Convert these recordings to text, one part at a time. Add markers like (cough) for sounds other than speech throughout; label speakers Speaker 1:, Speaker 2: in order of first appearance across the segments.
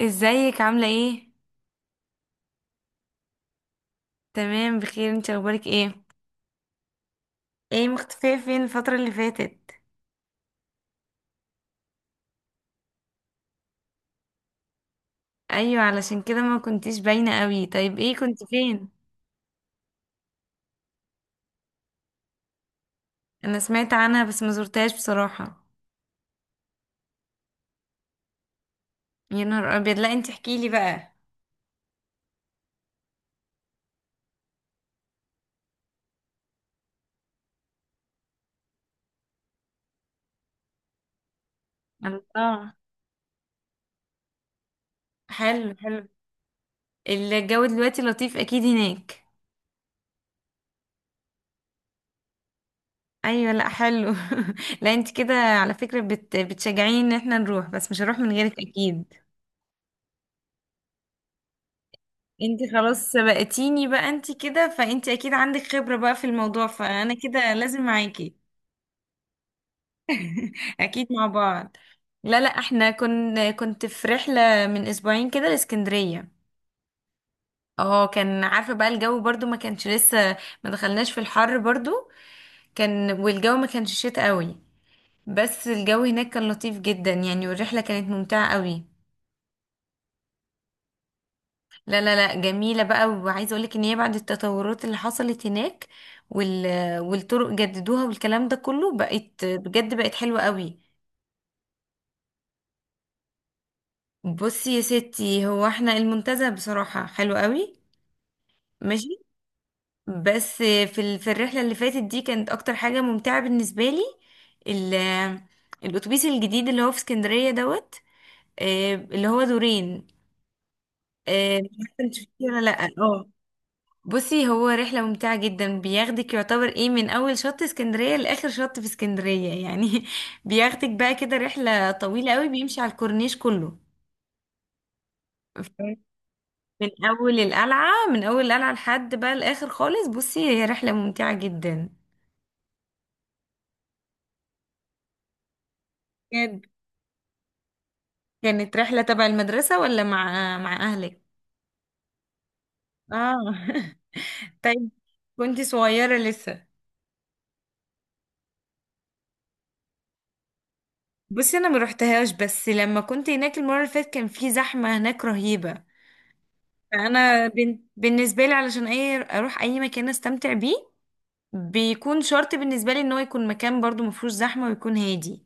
Speaker 1: ازيك عاملة ايه؟ تمام بخير، انت اخبارك ايه؟ ايه مختفية فين الفترة اللي فاتت؟ ايوه علشان كده ما كنتيش باينة قوي. طيب ايه كنت فين؟ انا سمعت عنها بس ما زرتهاش بصراحة. يا نهار ابيض، لا انت احكيلي بقى. الله. حلو حلو. الجو دلوقتي لطيف اكيد هناك. ايوه، لا حلو. (laughs) لا انت كده على فكرة بتشجعيني ان احنا نروح، بس مش هروح من غيرك اكيد. انت خلاص سبقتيني بقى، انت كده فانت اكيد عندك خبرة بقى في الموضوع، فانا كده لازم معاكي. اكيد مع بعض. لا لا، احنا كنت في رحلة من اسبوعين كده لاسكندرية. اه كان عارفة بقى الجو برضو ما كانش لسه، ما دخلناش في الحر برضو. والجو ما كانش شتا قوي، بس الجو هناك كان لطيف جدا يعني، والرحلة كانت ممتعة قوي. لا لا لا، جميلة بقى، وعايزة اقولك ان هي بعد التطورات اللي حصلت هناك وال... والطرق جددوها والكلام ده كله، بقت بجد بقت حلوة قوي. بصي يا ستي، هو احنا المنتزه بصراحة حلو قوي، ماشي. بس في الرحلة اللي فاتت دي كانت اكتر حاجة ممتعة بالنسبة لي ال... الاتوبيس الجديد اللي هو في اسكندرية دوت، اللي هو دورين، مش عارفة انت شفتيه ولا لا، اه. بصي هو رحلة ممتعة جدا، بياخدك يعتبر ايه من اول شط اسكندرية لاخر شط في اسكندرية يعني (laughs) بياخدك بقى كده رحلة طويلة قوي، بيمشي على الكورنيش كله. ف- من اول القلعة لحد بقى الاخر خالص. بصي هي رحلة ممتعة جدا. كانت كانت رحلة تبع المدرسة ولا مع اهلك؟ اه (laughs) طيب. كنت صغيرة لسه. بصي انا ما روحتهاش، بس لما كنت هناك المرة اللي فاتت كان في زحمة هناك رهيبة. فانا بالنسبه لي علشان اي اروح اي مكان استمتع بيه، بيكون شرط بالنسبه لي ان هو يكون مكان برضو مفهوش زحمه ويكون هادي.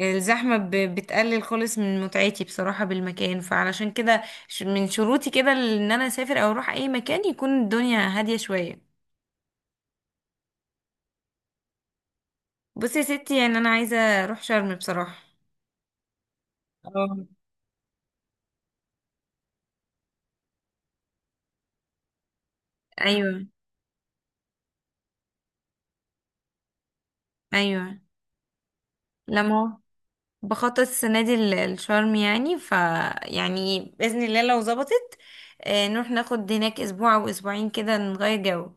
Speaker 1: الزحمه بتقلل خالص من متعتي بصراحه بالمكان، فعلشان كده من شروطي كده ان انا اسافر او اروح اي مكان يكون الدنيا هاديه شويه. بصي يا ستي، يعني انا عايزه اروح شرم بصراحه. اه. ايوه. ايوه. لما هو بخطط السنة دي لشرم يعني، ف يعني بإذن الله لو ظبطت، نروح ناخد هناك أسبوع أو أسبوعين كده نغير جو.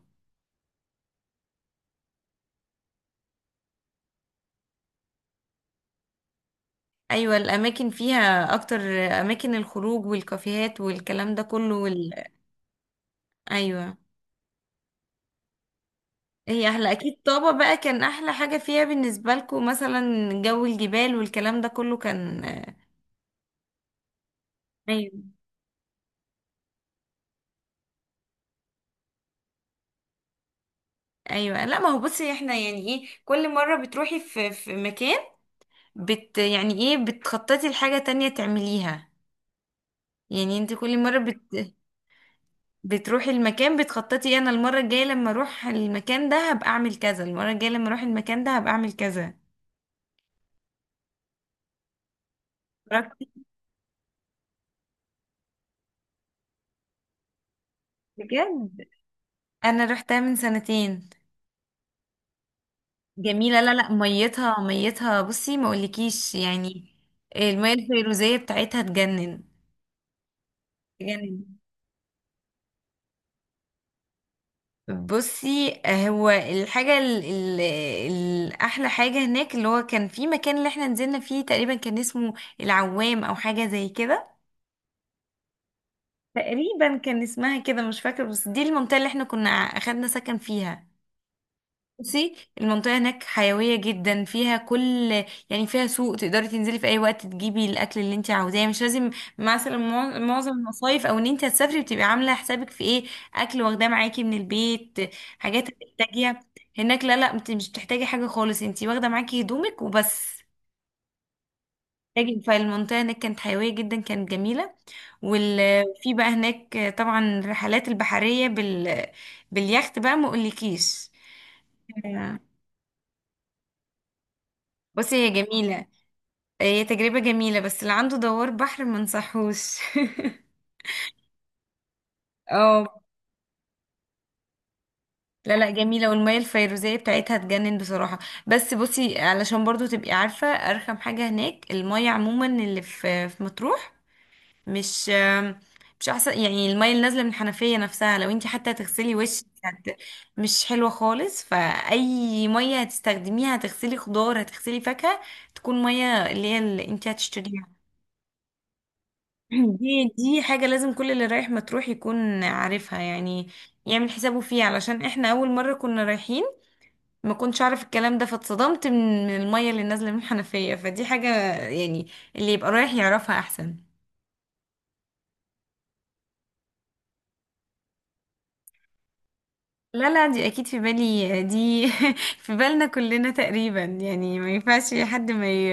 Speaker 1: أيوة، الأماكن فيها أكتر، أماكن الخروج والكافيهات والكلام ده كله (laughs) أيوة. هي أحلى أكيد، طابة بقى كان أحلى حاجة فيها بالنسبة لكم مثلا جو الجبال والكلام ده كله كان. أيوة أيوة، لا ما هو بصي احنا يعني إيه، كل مرة بتروحي في مكان بت يعني إيه بتخططي لحاجة تانية تعمليها. يعني انت كل مرة بتروحي المكان بتخططي انا المرة الجاية لما اروح المكان ده هبقى اعمل كذا، المرة الجاية لما اروح المكان ده هبقى اعمل كذا. رحتي بجد؟ انا رحتها من سنتين. جميلة، لا لا، ميتها ميتها بصي ما اقولكيش يعني. المية الفيروزية بتاعتها تجنن، تجنن. بصي هو الحاجة الأحلى حاجة هناك اللي هو كان في مكان اللي احنا نزلنا فيه تقريبا كان اسمه العوام أو حاجة زي كده. تقريبا كان اسمها كده، مش فاكرة، بس دي المنطقة اللي احنا كنا اخدنا سكن فيها. بصي المنطقة هناك حيوية جدا، فيها كل يعني، فيها سوق تقدري تنزلي في اي وقت تجيبي الاكل اللي انت عاوزاه، يعني مش لازم مثلا معظم المصايف او ان انت هتسافري بتبقي عاملة حسابك في ايه، اكل واخداه معاكي من البيت، حاجات هتحتاجيها. هناك لا لا، انت مش بتحتاجي حاجة خالص، انت واخدة معاكي هدومك وبس. تاجي فالمنطقة هناك كانت حيوية جدا، كانت جميلة. وفي بقى هناك طبعا الرحلات البحرية باليخت بقى ما اقولكيش. آه، بصي هي جميلة، هي تجربة جميلة، بس اللي عنده دوار بحر ما انصحوش. (laughs) اه. لا لا، جميلة والمية الفيروزية بتاعتها تجنن بصراحة. بس بصي علشان برضو تبقي عارفة، أرخم حاجة هناك المية عموما اللي في مطروح. مش مش احسن يعني، المية اللي نازلة من الحنفية نفسها لو انت حتى هتغسلي وشك مش حلوة خالص، فأي مية هتستخدميها هتغسلي خضار هتغسلي فاكهة، تكون مية اللي هي اللي انت هتشتريها. (clears throat) دي حاجة لازم كل اللي رايح مطروح يكون عارفها، يعني يعمل حسابه فيها، علشان احنا أول مرة كنا رايحين ما كنتش أعرف الكلام ده، فاتصدمت من المية اللي نازلة من الحنفية، فدي حاجة يعني اللي يبقى رايح يعرفها أحسن. لا لا، دي اكيد في بالي، دي (laughs) في بالنا كلنا تقريبا يعني، ما ينفعش حد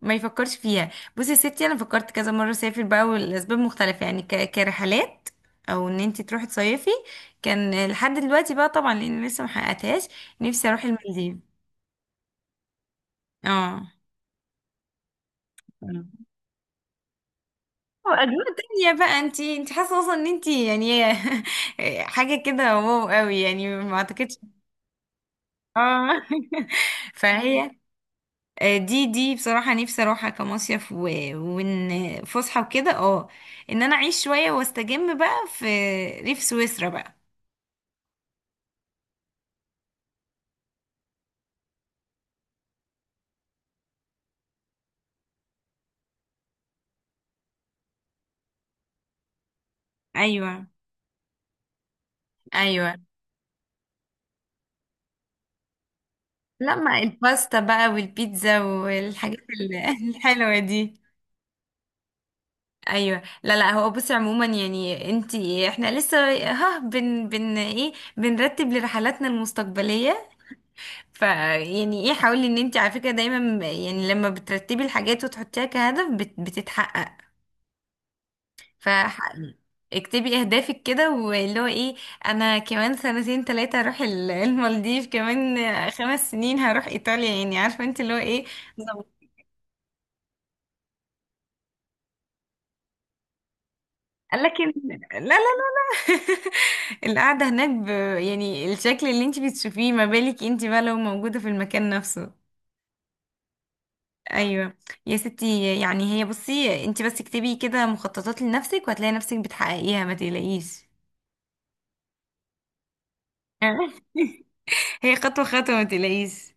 Speaker 1: ما يفكرش فيها. بصي يا ستي، انا فكرت كذا مره اسافر بقى، والاسباب مختلفه يعني، كرحلات او ان انت تروحي تصيفي، كان لحد دلوقتي بقى طبعا لان لسه ما حققتهاش، نفسي اروح المالديف. اه، اجواء تانية بقى، انت انت حاسه اصلا ان انت يعني (laughs) حاجه كده واو قوي، يعني ما اعتقدش. اه (laughs) فهي، دي دي بصراحة نفسي اروحها كمصيف، و... وان فسحة وكده، اه، ان انا اعيش شوية واستجم بقى في ريف سويسرا بقى. ايوه. ايوه، لا ما الباستا بقى والبيتزا والحاجات (laughs) الحلوه دي. ايوه لا لا، هو بصي عموما يعني انتي احنا لسه، ها بن بن ايه بنرتب لرحلاتنا المستقبليه. ف يعني ايه، حاولي ان انتي على فكره دايما يعني لما بترتبي الحاجات وتحطيها كهدف بتتحقق، فاكتبي اهدافك كده واللي هو ايه. انا كمان سنتين تلاتة هروح المالديف، كمان خمس سنين هروح ايطاليا، يعني عارفة انت اللي هو ايه. بالظبط. لكن لا لا لا، (laughs) لا القعدة هناك يعني الشكل اللي انت بتشوفيه، ما بالك انت بقى لو موجودة في المكان نفسه. ايوه. يا ستي يعني هي بصي، انت بس اكتبي كده مخططات لنفسك وهتلاقي نفسك بتحققيها ما تقلقيش. (laughs) هي خطوة خطوة ما تقلقيش.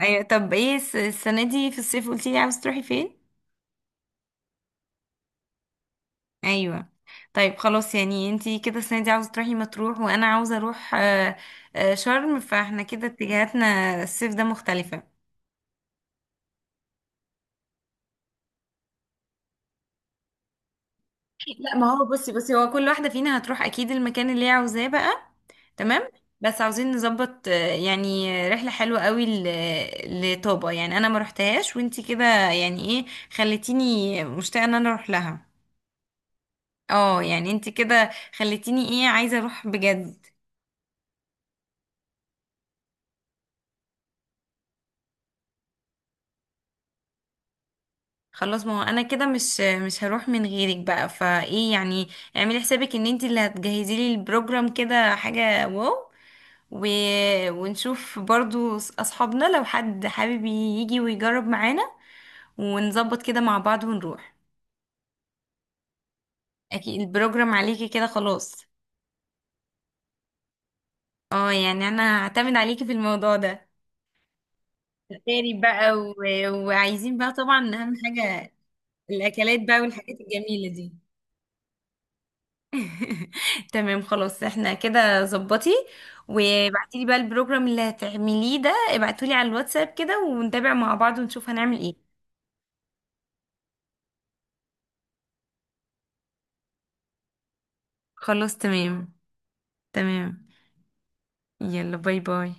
Speaker 1: ايوه طب ايه السنه دي في الصيف قلتي لي عاوزه تروحي فين؟ ايوه. طيب خلاص، يعني انتي كده السنه دي عاوزه تروحي مطروح وانا عاوزه اروح شرم، فاحنا كده اتجاهاتنا الصيف ده مختلفه. لا ما هو بصي، بصي هو كل واحده فينا هتروح اكيد المكان اللي هي عاوزاه بقى، تمام. بس عاوزين نظبط، يعني رحله حلوه قوي لطابا يعني، انا ما روحتهاش وانتي كده يعني ايه خليتيني مشتاقه ان انا اروح لها. اه يعني انتي كده خليتيني ايه عايزه اروح بجد. خلاص ما هو انا كده مش هروح من غيرك بقى، فايه يعني، اعملي حسابك ان انت اللي هتجهزي لي البروجرام كده حاجة واو، و... ونشوف برضو اصحابنا لو حد حابب يجي ويجرب معانا، ونظبط كده مع بعض ونروح. اكيد البروجرام عليكي كده خلاص. اه يعني انا هعتمد عليكي في الموضوع ده. تاري بقى وعايزين بقى طبعا اهم حاجة الاكلات بقى والحاجات الجميلة دي. (laughs) تمام خلاص، احنا كده ظبطي، وابعتي لي بقى البروجرام اللي هتعمليه ده ابعتولي لي على الواتساب كده، ونتابع مع بعض ونشوف هنعمل ايه. خلاص تمام. تمام. يلا باي باي.